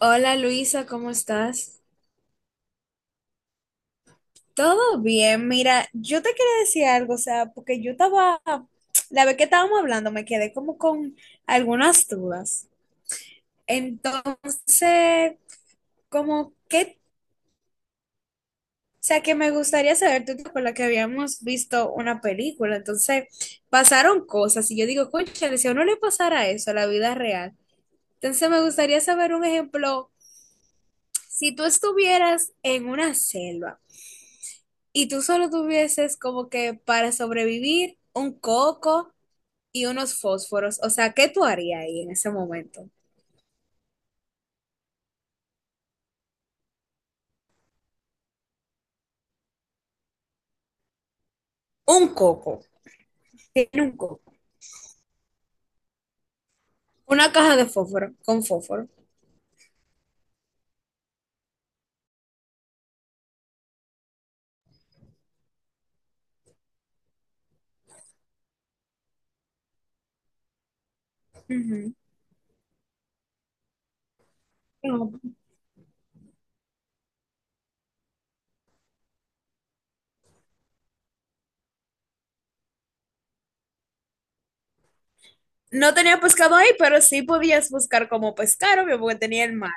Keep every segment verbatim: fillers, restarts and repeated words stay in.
Hola Luisa, ¿cómo estás? Todo bien, mira, yo te quería decir algo, o sea, porque yo estaba, la vez que estábamos hablando, me quedé como con algunas dudas. Entonces, como que, o sea, que me gustaría saber, tú te acuerdas que habíamos visto una película, entonces pasaron cosas y yo digo, cónchale, si a uno le pasara eso a la vida real, entonces me gustaría saber un ejemplo, si tú estuvieras en una selva. Y tú solo tuvieses como que para sobrevivir un coco y unos fósforos, o sea, ¿qué tú harías ahí en ese momento? Un coco, tiene un coco, una caja de fósforo con fósforo. Ujú. No, no tenía pescado ahí, pero sí podías buscar como pescar, obvio, porque tenía el mar.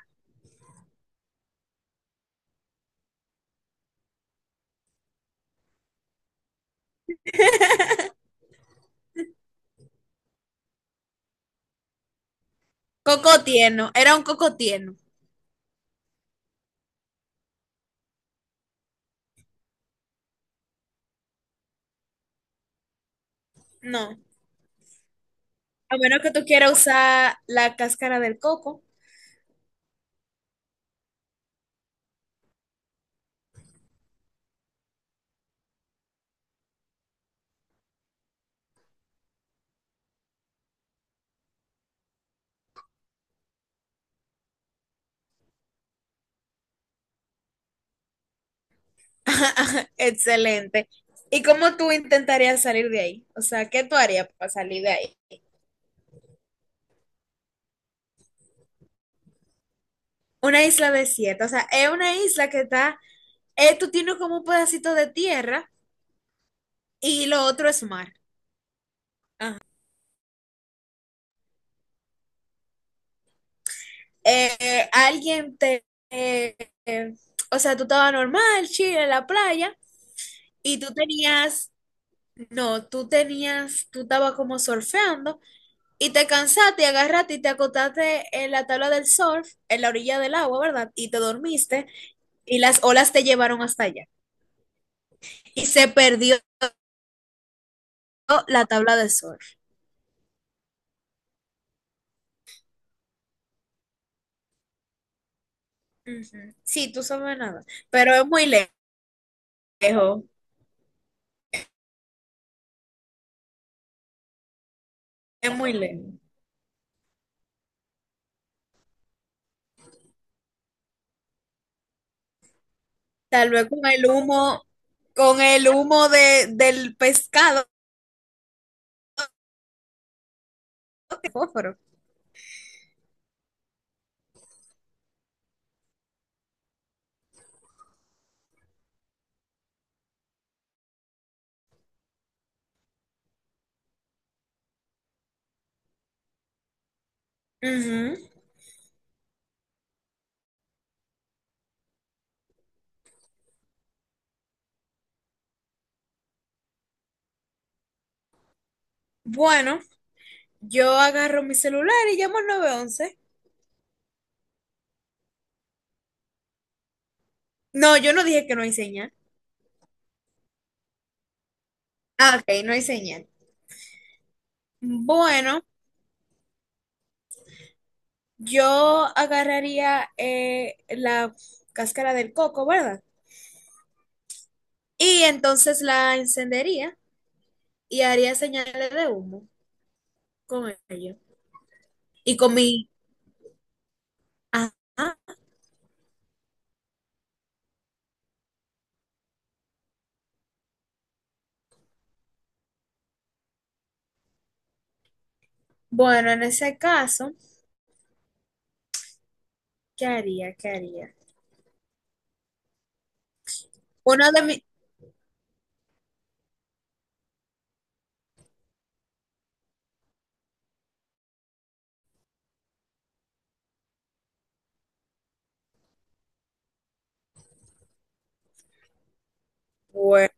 Coco tierno, era un coco tierno. No, a menos que tú quieras usar la cáscara del coco. Excelente. ¿Y cómo tú intentarías salir de ahí? O sea, ¿qué tú harías para salir de ahí? Una isla desierta, o sea, es una isla que está, eh, tú tienes como un pedacito de tierra y lo otro es mar. Ajá. Eh, eh, alguien te, eh, eh, o sea, tú estabas normal, chile, en la playa y tú tenías, no, tú tenías, tú estabas como surfeando y te cansaste, y agarraste y te acostaste en la tabla del surf, en la orilla del agua, ¿verdad? Y te dormiste y las olas te llevaron hasta allá y se perdió la tabla del surf. Ujú. Sí, tú sabes nada, pero es muy lejos, es muy lejos. Tal vez con el humo, con el humo de, del pescado, de fósforo. Ujú. Bueno, yo agarro mi celular y llamo al nueve once. No, yo no dije que no hay señal. Ah, ok, no hay señal. Bueno, yo agarraría eh, la cáscara del coco, ¿verdad? Y entonces la encendería y haría señales de humo con ello. Y con mi ajá bueno, en ese caso, ¿qué haría? ¿Qué haría? Uno de mis... Bueno,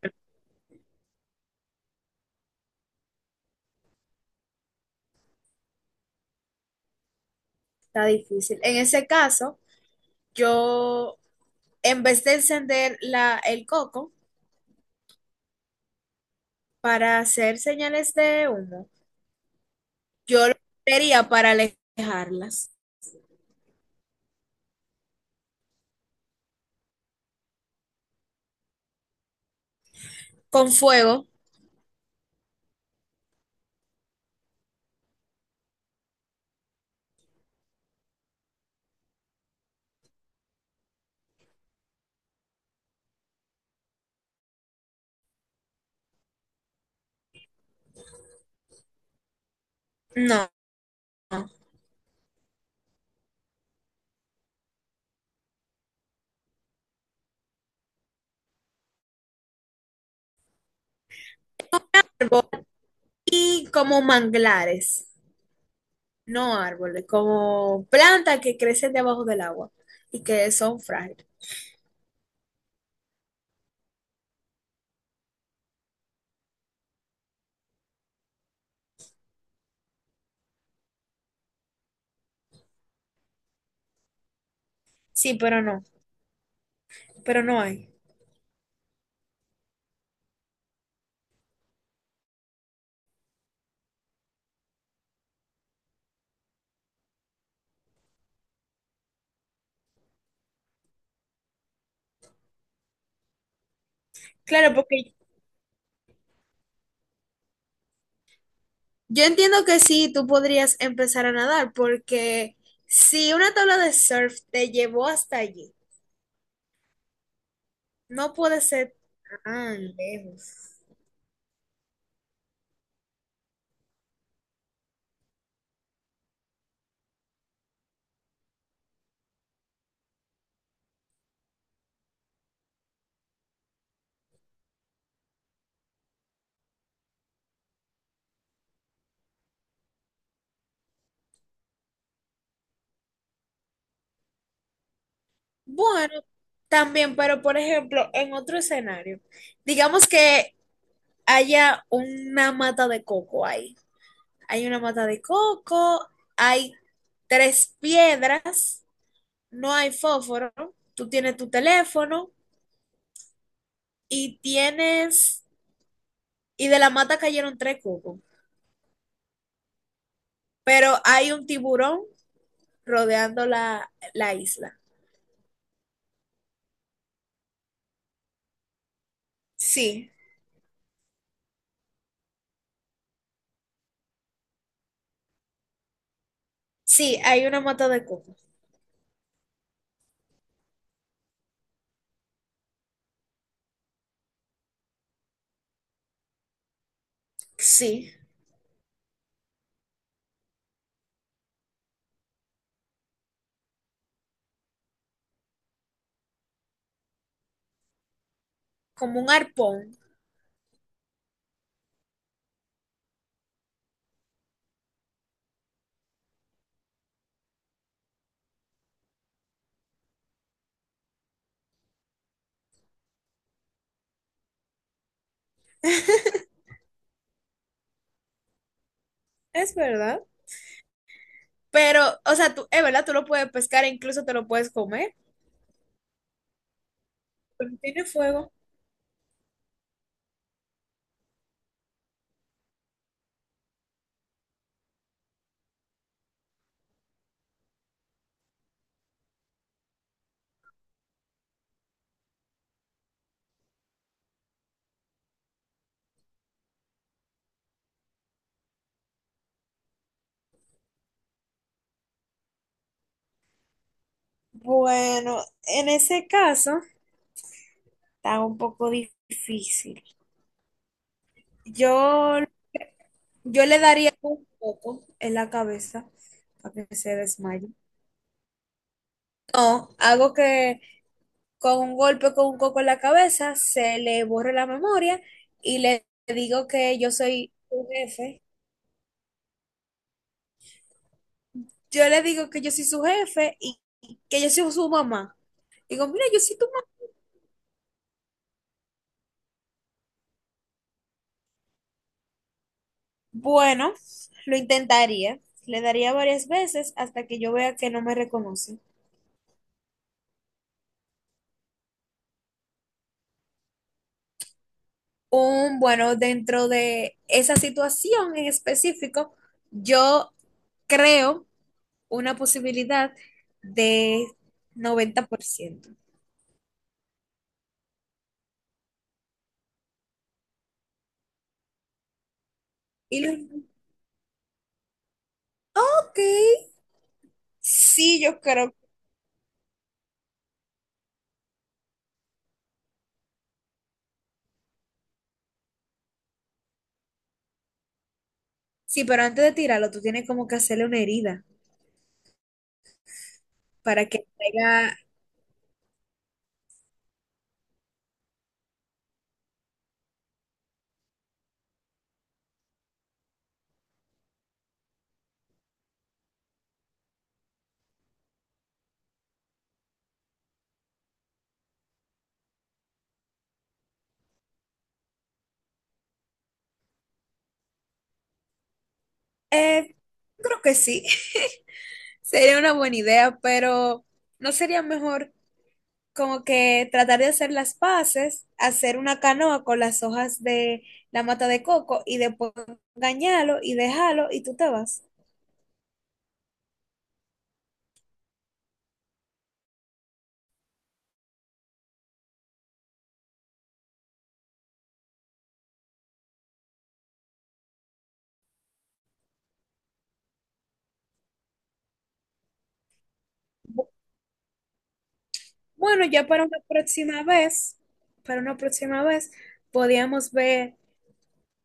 está difícil. En ese caso, yo, en vez de encender la, el coco para hacer señales de humo, yo lo haría para alejarlas. Con fuego, no. Y como manglares, no árboles, como plantas que crecen debajo del agua y que son frágiles. Sí, pero no, pero no hay. Claro, porque yo entiendo que sí, tú podrías empezar a nadar, porque si una tabla de surf te llevó hasta allí, no puede ser tan lejos. Bueno, también, pero por ejemplo, en otro escenario, digamos que haya una mata de coco ahí. Hay una mata de coco, hay tres piedras, no hay fósforo, tú tienes tu teléfono y tienes, y de la mata cayeron tres cocos. Pero hay un tiburón rodeando la, la isla. Sí, sí, hay una mata de coco. Sí, como un arpón. Es verdad. Pero, o sea, tú, es verdad, tú lo puedes pescar e incluso te lo puedes comer. Pero tiene fuego. Bueno, en ese caso está un poco difícil. Yo, yo le daría un poco en la cabeza para que se desmaye. No, algo que con un golpe con un coco en la cabeza, se le borra la memoria y le digo que yo soy su jefe. Yo le digo que yo soy su jefe y que yo soy su mamá. Digo, mira, yo soy tu mamá. Bueno, lo intentaría. Le daría varias veces hasta que yo vea que no me reconoce. Un, bueno, dentro de esa situación en específico, yo creo una posibilidad de noventa por ciento. Y lo, ok, sí, yo creo. Sí, pero antes de tirarlo, tú tienes como que hacerle una herida para que traiga. Eh, creo que sí. Sería una buena idea, pero ¿no sería mejor como que tratar de hacer las paces, hacer una canoa con las hojas de la mata de coco y después engañarlo y dejarlo y tú te vas? Bueno, ya para una próxima vez, para una próxima vez, podíamos ver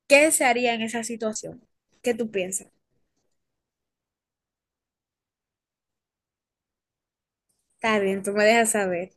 qué se haría en esa situación. ¿Qué tú piensas? Está bien, tú me dejas saber.